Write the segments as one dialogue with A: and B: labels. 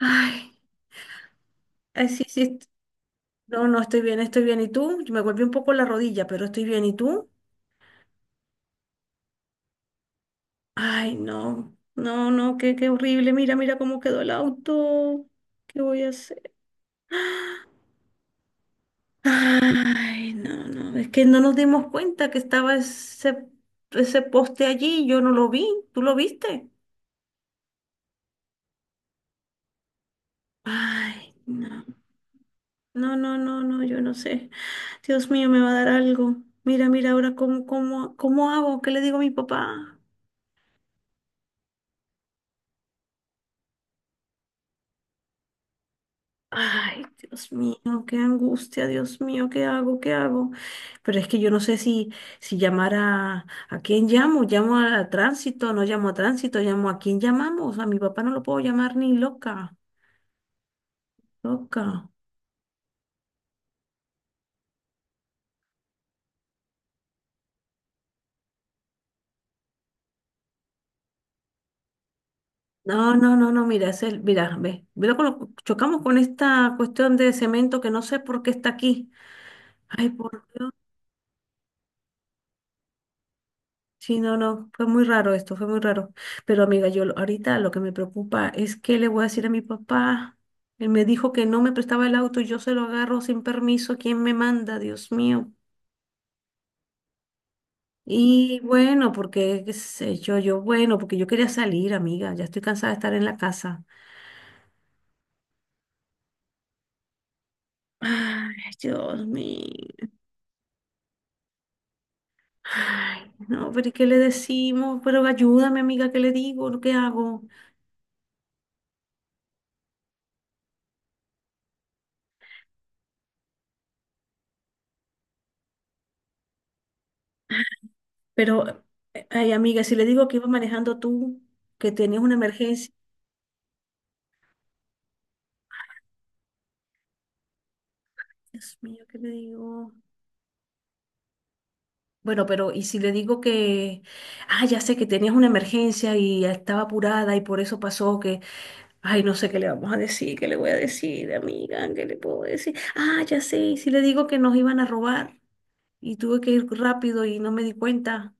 A: Ay, ay, sí, sí. No, no, estoy bien, estoy bien. ¿Y tú? Me golpeé un poco la rodilla, pero estoy bien. ¿Y tú? Ay, no, no, no, qué, qué horrible. Mira, mira cómo quedó el auto. ¿Qué voy a hacer? Ay, no, no, es que no nos dimos cuenta que estaba ese poste allí. Yo no lo vi. ¿Tú lo viste? Ay, no. No, no, no, no, yo no sé. Dios mío, me va a dar algo. Mira, mira, ahora cómo, cómo, cómo hago, ¿qué le digo a mi papá? Ay, Dios mío, qué angustia, Dios mío, ¿qué hago? ¿Qué hago? Pero es que yo no sé si llamar a quién llamo, llamo a tránsito, no llamo a tránsito, llamo a quién llamamos, a mi papá no lo puedo llamar ni loca, loca. No, no, no, no, mira, es el, mira, ve, mira con chocamos con esta cuestión de cemento que no sé por qué está aquí. Ay, por Dios. Sí, no, no, fue muy raro esto, fue muy raro. Pero amiga, ahorita lo que me preocupa es que le voy a decir a mi papá. Él me dijo que no me prestaba el auto y yo se lo agarro sin permiso. ¿Quién me manda? Dios mío. Y bueno, porque, qué sé yo, yo, bueno, porque yo quería salir, amiga. Ya estoy cansada de estar en la casa. Ay, Dios mío. Ay, no, pero ¿y qué le decimos? Pero ayúdame, amiga, ¿qué le digo? ¿Qué hago? Pero, ay, amiga, si le digo que iba manejando tú, que tenías una emergencia, Dios mío, ¿qué le digo? Bueno, pero ¿y si le digo que, ah, ya sé que tenías una emergencia y estaba apurada y por eso pasó que, ay, no sé qué le vamos a decir, qué le voy a decir, amiga, qué le puedo decir? Ah, ya sé, ¿y si le digo que nos iban a robar y tuve que ir rápido y no me di cuenta?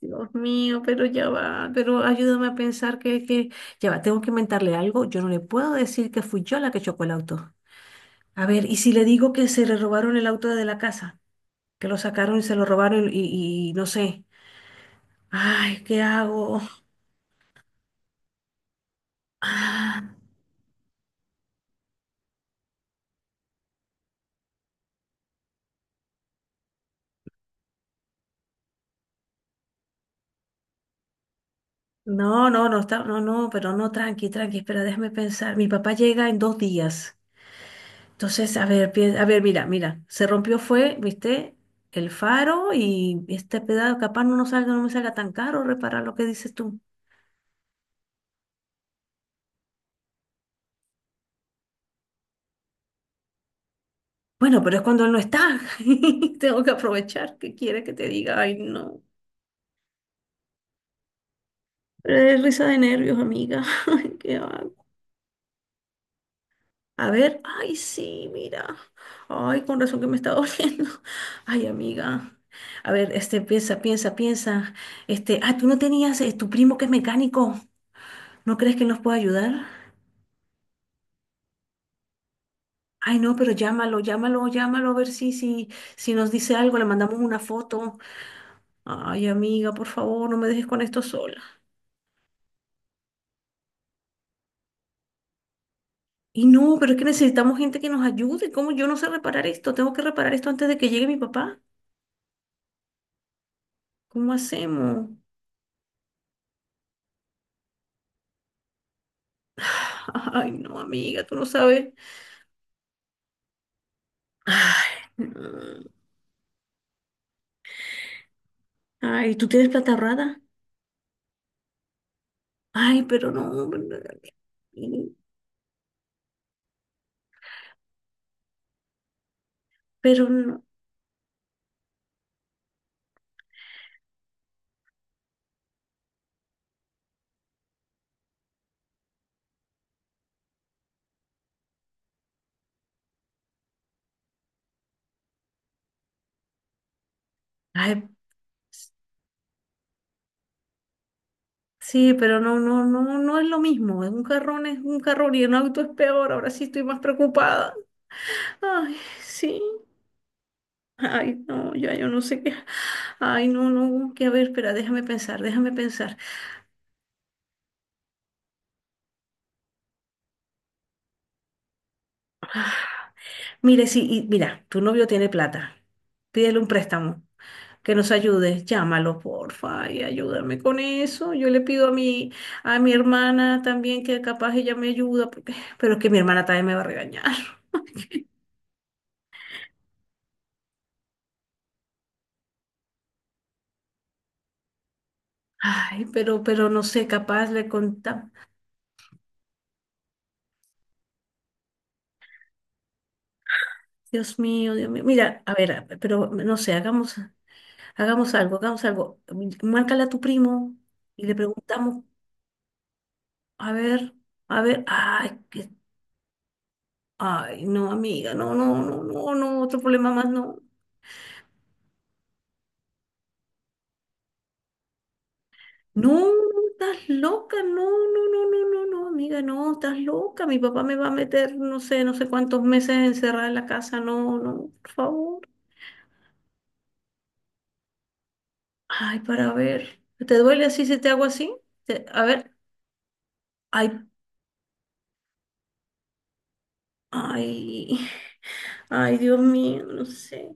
A: Dios mío, pero ya va, pero ayúdame a pensar ya va, tengo que inventarle algo, yo no le puedo decir que fui yo la que chocó el auto. A ver, ¿y si le digo que se le robaron el auto de la casa? Que lo sacaron y se lo robaron y no sé. Ay, ¿qué hago? Ah, no, no, no está, no, no, pero no, tranqui, tranqui, espera, déjame pensar. Mi papá llega en dos días. Entonces, a ver, a ver, mira, mira, se rompió fue, viste, el faro y este pedazo, capaz no nos salga, no me salga tan caro reparar lo que dices tú. Bueno, pero es cuando él no está. Tengo que aprovechar. ¿Qué quiere que te diga? Ay, no. Risa de nervios, amiga. Ay, ¿qué hago? A ver, ay, sí, mira. Ay, con razón que me está doliendo. Ay, amiga. A ver, este, piensa, piensa, piensa. Este, ah, tú no tenías tu primo que es mecánico. ¿No crees que nos puede ayudar? Ay, no, pero llámalo, llámalo, llámalo, a ver si nos dice algo, le mandamos una foto. Ay, amiga, por favor, no me dejes con esto sola. Y no, pero es que necesitamos gente que nos ayude. ¿Cómo yo no sé reparar esto? Tengo que reparar esto antes de que llegue mi papá. ¿Cómo hacemos? Ay, no, amiga, tú no sabes. Ay, no. Ay, ¿tú tienes plata ahorrada? Ay, pero no, pero no. Ay, sí, pero no, no, no, no es lo mismo. Es un carrón y un auto es peor. Ahora sí estoy más preocupada. Ay, sí. Ay, no, ya yo no sé qué. Ay, no, no, que a ver, espera, déjame pensar, déjame pensar. Mire, sí, y mira, tu novio tiene plata. Pídele un préstamo. Que nos ayudes, llámalo, porfa, y ayúdame con eso. Yo le pido a a mi hermana también que capaz ella me ayuda, porque, pero es que mi hermana también me va a regañar. Ay, pero no sé, capaz le contamos. Dios mío, Dios mío. Mira, a ver, pero no sé, hagamos algo, hagamos algo. Márcale a tu primo y le preguntamos, a ver, a ver, ay, ay, no, amiga, no, no, no, no, no, otro problema más, no. No, estás loca, no, no, no, no, no, no, amiga, no, estás loca. Mi papá me va a meter, no sé, no sé cuántos meses encerrada en la casa, no, no, por favor. Ay, para ver, ¿te duele así si te hago así? A ver, ay, ay, ay, Dios mío, no sé.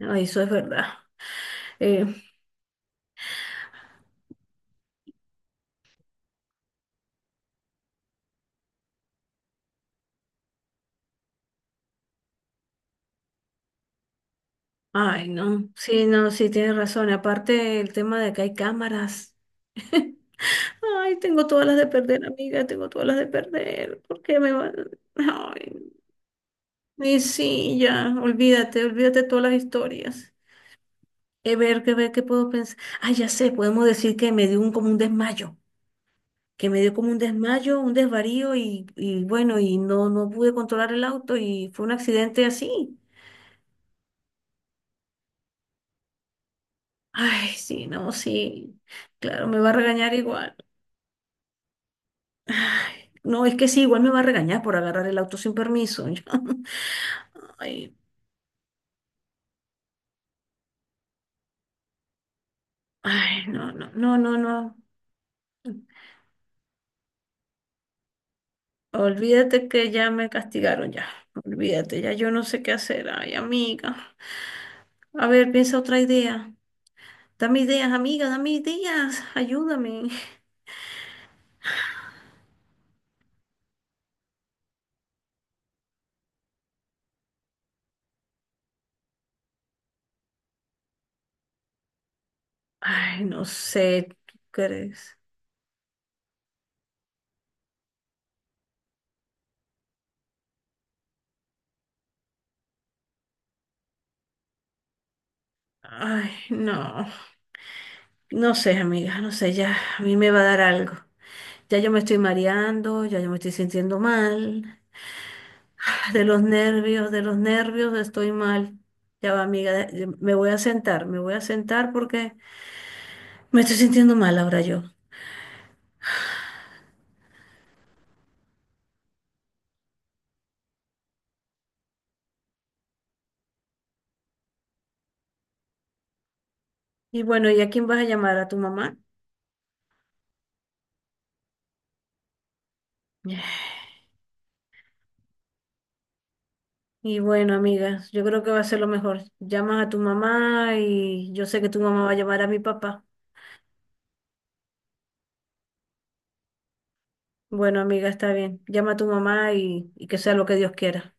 A: Ay, eso es verdad. Eh, Ay, no, sí, no, sí, tienes razón. Aparte, el tema de que hay cámaras. Ay, tengo todas las de perder, amiga, tengo todas las de perder. ¿Por qué me van? Ay, y sí, ya, olvídate, olvídate de todas las historias. Ver, que ver, qué puedo pensar. Ah, ya sé, podemos decir que me dio un, como un desmayo, que me dio como un desmayo, un desvarío y bueno, y no, no pude controlar el auto y fue un accidente así. Ay, sí, no, sí, claro, me va a regañar igual. No, es que sí, igual me va a regañar por agarrar el auto sin permiso. Ay, ay, no, no, no, no, no. Olvídate que ya me castigaron ya. Olvídate, ya yo no sé qué hacer. Ay, amiga. A ver, piensa otra idea. Dame ideas, amiga, dame ideas. Ayúdame. Ay, no sé, ¿tú crees? Ay, no. No sé, amiga, no sé, ya a mí me va a dar algo. Ya yo me estoy mareando, ya yo me estoy sintiendo mal. De los nervios estoy mal. Ya va, amiga, me voy a sentar, me voy a sentar porque me estoy sintiendo mal ahora yo. Y bueno, ¿y a quién vas a llamar? ¿A tu mamá? Y bueno, amigas, yo creo que va a ser lo mejor. Llamas a tu mamá y yo sé que tu mamá va a llamar a mi papá. Bueno, amiga, está bien. Llama a tu mamá y que sea lo que Dios quiera.